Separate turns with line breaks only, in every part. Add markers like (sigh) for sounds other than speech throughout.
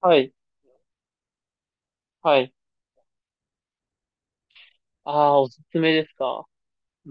はい、はい。ああ、おすすめですか。う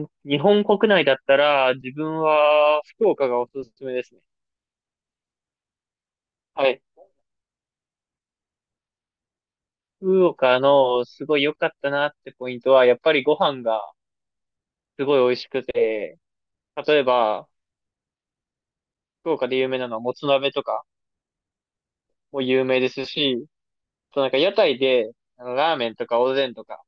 日本国内だったら、自分は福岡がおすすめですね。はい。福岡のすごい良かったなってポイントは、やっぱりご飯がすごい美味しくて、例えば、福岡で有名なのはもつ鍋とかも有名ですし、あとなんか屋台で、あのラーメンとかおでんとか、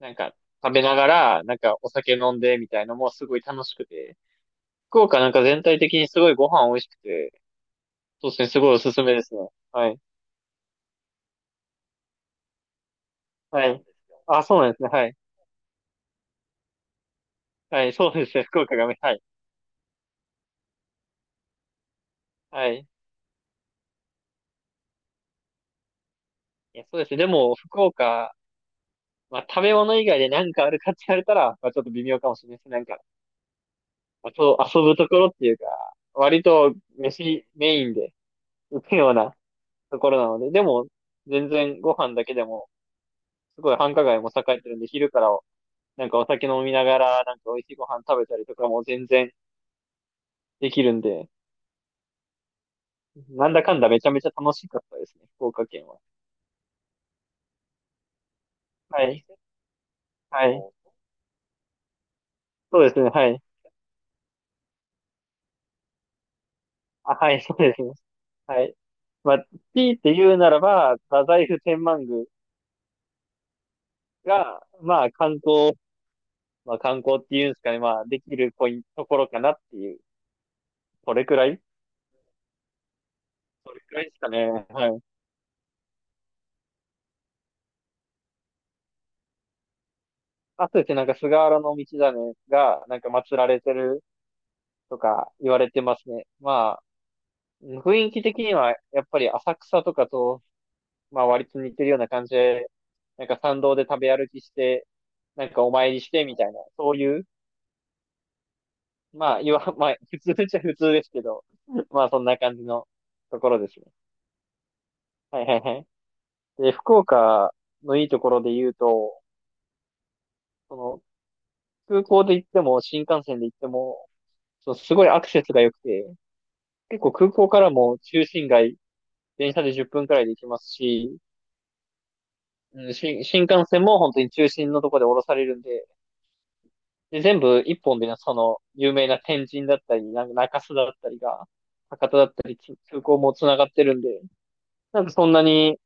なんか食べながら、なんかお酒飲んでみたいのもすごい楽しくて、福岡なんか全体的にすごいご飯美味しくて、そうですね、すごいおすすめですね。はい。はそうい。あ、そうなんですね。はい。はい、そうですね、福岡がはい。はい。いや、そうですね。でも、福岡、まあ、食べ物以外で何かあるかって言われたら、まあ、ちょっと微妙かもしれないですね。なんか、まあと、遊ぶところっていうか、割と飯メインで行くようなところなので、でも、全然ご飯だけでも、すごい繁華街も栄えてるんで、昼からなんかお酒飲みながら、なんか美味しいご飯食べたりとかも全然できるんで、なんだかんだめちゃめちゃ楽しかったですね、福岡県は。はい。はい。そうですね。はい。あ、はい。(laughs) そうですね。はい。まあ、強いて言うならば、太宰府天満宮が、まあ、観光、まあ、観光っていうんですかね。まあ、できるポイント、ところかなっていう。それくらいそれくらいですかね。はい。あとですね、なんか菅原道真が、なんか祀られてるとか言われてますね。まあ、雰囲気的には、やっぱり浅草とかとまあ割と似てるような感じで、なんか参道で食べ歩きして、なんかお参りしてみたいな、そういう、まあ、(laughs) まあ、普通っちゃ普通ですけど、(laughs) まあそんな感じのところですね。はいはいはい。で、福岡のいいところで言うと、その空港で行っても新幹線で行っても、そのすごいアクセスが良くて、結構空港からも中心街、電車で10分くらいで行きますし、うん、新幹線も本当に中心のところで降ろされるんで、で、全部一本でね、その、有名な天神だったり、なんか中洲だったりが、博多だったり、空港も繋がってるんで、なんかそんなに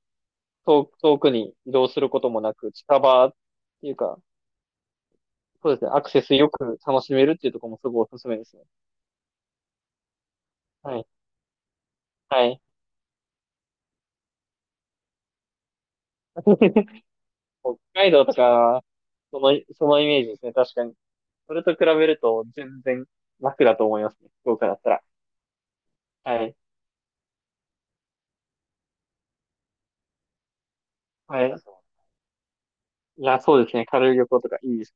遠くに移動することもなく、近場っていうか、そうですね、アクセスよく楽しめるっていうところもすごいおすすめですね。はい。はい。(laughs) 北海道とか、その、そのイメージですね、確かに。それと比べると全然楽だと思いますね、福岡だったら。はい。はい。いや、そうですね、軽い旅行とかいいです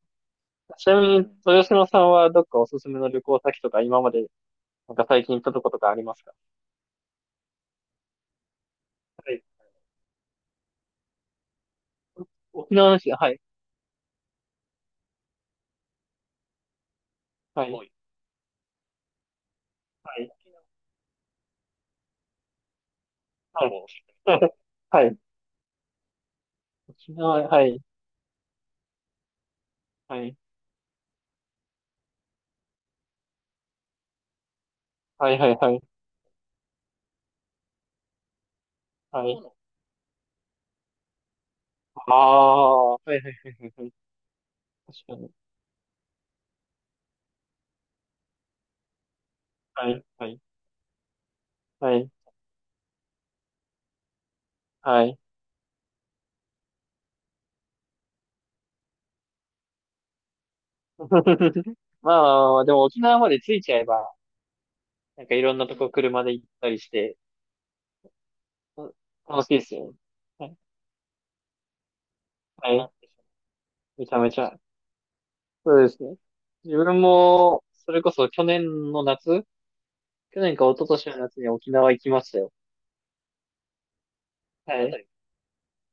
ね。ちなみに、豊島さんはどっかおすすめの旅行先とか、今まで、なんか最近行ったとことかありますか。はい。沖縄の話、はい、はい、もう、はい、あ、はい、(laughs) もう、(laughs) はい、沖縄、はい、はい、はい、はい、はい、はい、今の、ああ、はい、はい、はい、はいはいはいはいはい沖縄はいはいはいはいはいはいああはいはいはいはいはい確かに、はい、はい、はい、はい。(laughs) まあ、まあまあでも沖縄まで着いちゃえば、なんかいろんなとこ車で行ったりして、楽しいですよね。はい、はい、めちゃめちゃ。そうですね。自分も、それこそ去年の夏去年か一昨年の夏に沖縄行きましたよ。はい。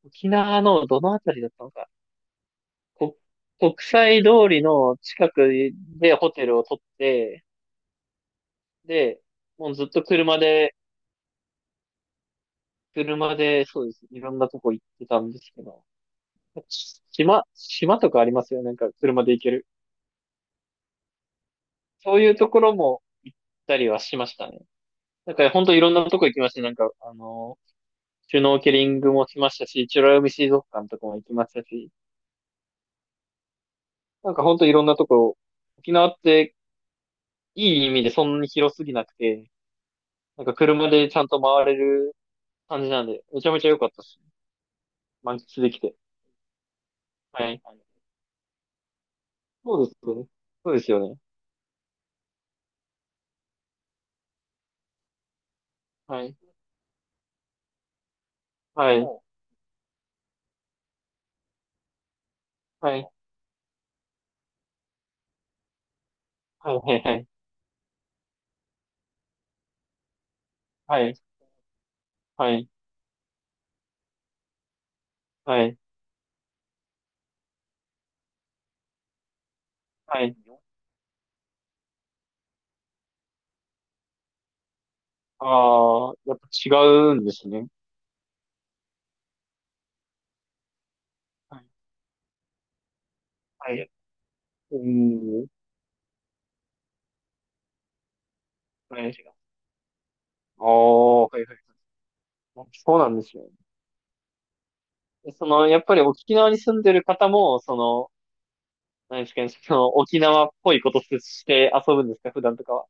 沖縄のどのあたりだったのか。こ、国際通りの近くでホテルを取って、で、もうずっと車で、そうです。いろんなとこ行ってたんですけど。島とかありますよね。なんか車で行ける。そういうところも行ったりはしましたね。なんか本当いろんなとこ行きました。なんか、あのシュノーケリングもしましたし、美ら海水族館とかも行きましたし、なんかほんといろんなとこ、沖縄っていい意味でそんなに広すぎなくて、なんか車でちゃんと回れる感じなんで、めちゃめちゃ良かったし、満喫できて。はい。そうですよね。そうですよね。はい。はい。はい。はい。はい。はい。はい。はい。はい。ああー、やっぱ違うんですね。はい。はい。うーん。はい。ああ、はいはいはい。そうなんですよ。その、やっぱり沖縄に住んでる方も、その、何ですかね、その、沖縄っぽいことして遊ぶんですか、普段とかは。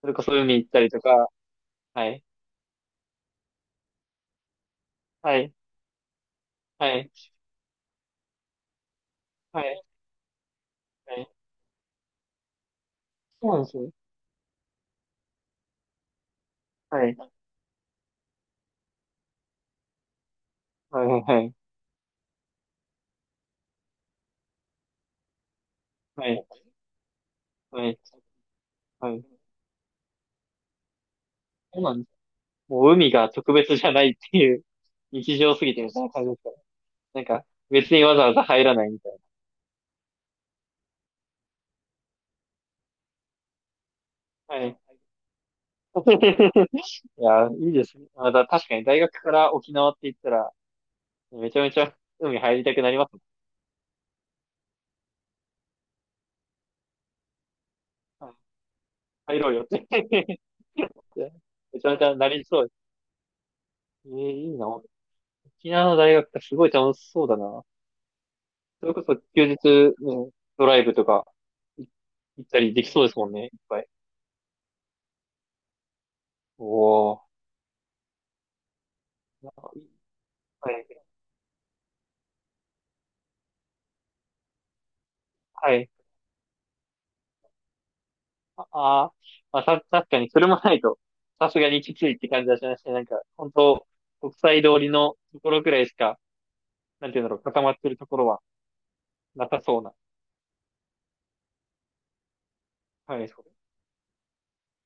それこそ海行ったりとか。はい。はい。はい。はい。はい。そうなんですね。はい。はい。はい。はい。はい。はい。そうなんです。もう海が特別じゃないっていう、日常すぎてみたいな感じですからなんか、別にわざわざ入らないみたいな。はい。(laughs) いや、いいですね。また確かに大学から沖縄って言ったら、めちゃめちゃ海入りたくなります。入ろうよって (laughs) めちゃめちゃなりそうです。ええいいな。沖縄の大学ってすごい楽しそうだな。それこそ休日、ね、ドライブとかい行ったりできそうですもんね、いっぱい。おお。なんかいいはい。はい。ああー、まあ、確かにそれもないと、さすがにきついって感じはしましたね。なんか、本当国際通りのところくらいしか、なんていうんだろう、固まってるところはなさそうな。はい、そう。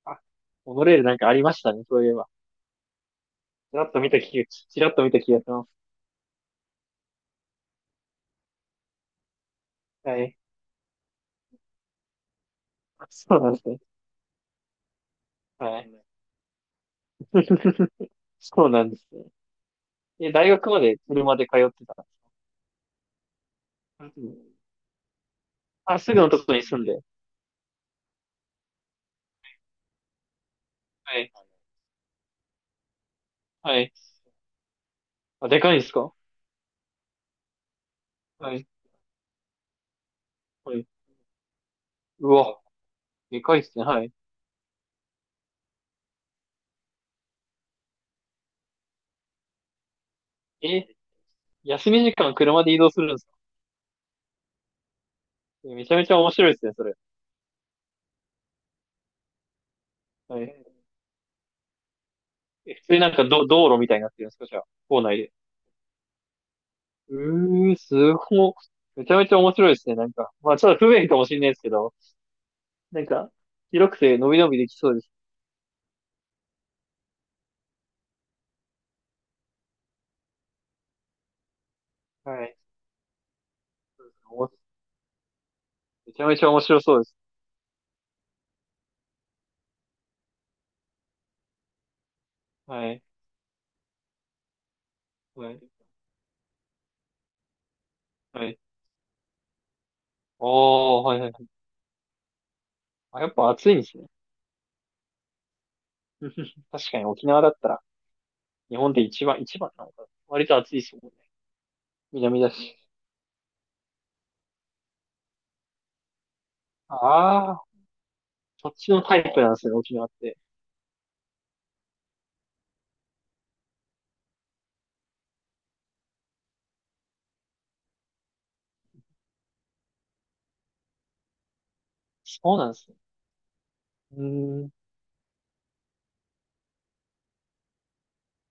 あ、モノレールなんかありましたね、そういえば。ちらっと見た気が、ちらっと見た気がします。はい。(laughs) そうなんですね。はい。(laughs) そうなんですね。え、大学まで車で通ってた。うんあ、すぐのとこに住んで。はい。はい。あ、でかいんですか。はい。はい。うわ、でかいっすね。はい。え、休み時間車で移動するんですか。えめちゃめちゃ面白いですね、それ。はい。え、普通になんか道路みたいになってるんですかじゃあ、校内で。うー、すご。めちゃめちゃ面白いですね、なんか。まあ、ちょっと不便かもしれないですけど、なんか、広くて伸び伸びできそうです。はい。めちゃめちゃ面白そうです。はい。はい。はい。おー、はいはいはい。あ、やっぱ暑いんですね。(laughs) 確かに沖縄だったら、日本で一番なのかな。割と暑いですもんね。南だし。ああ、そっちのタイプなんですね、沖縄って。そうなんですね。うーん。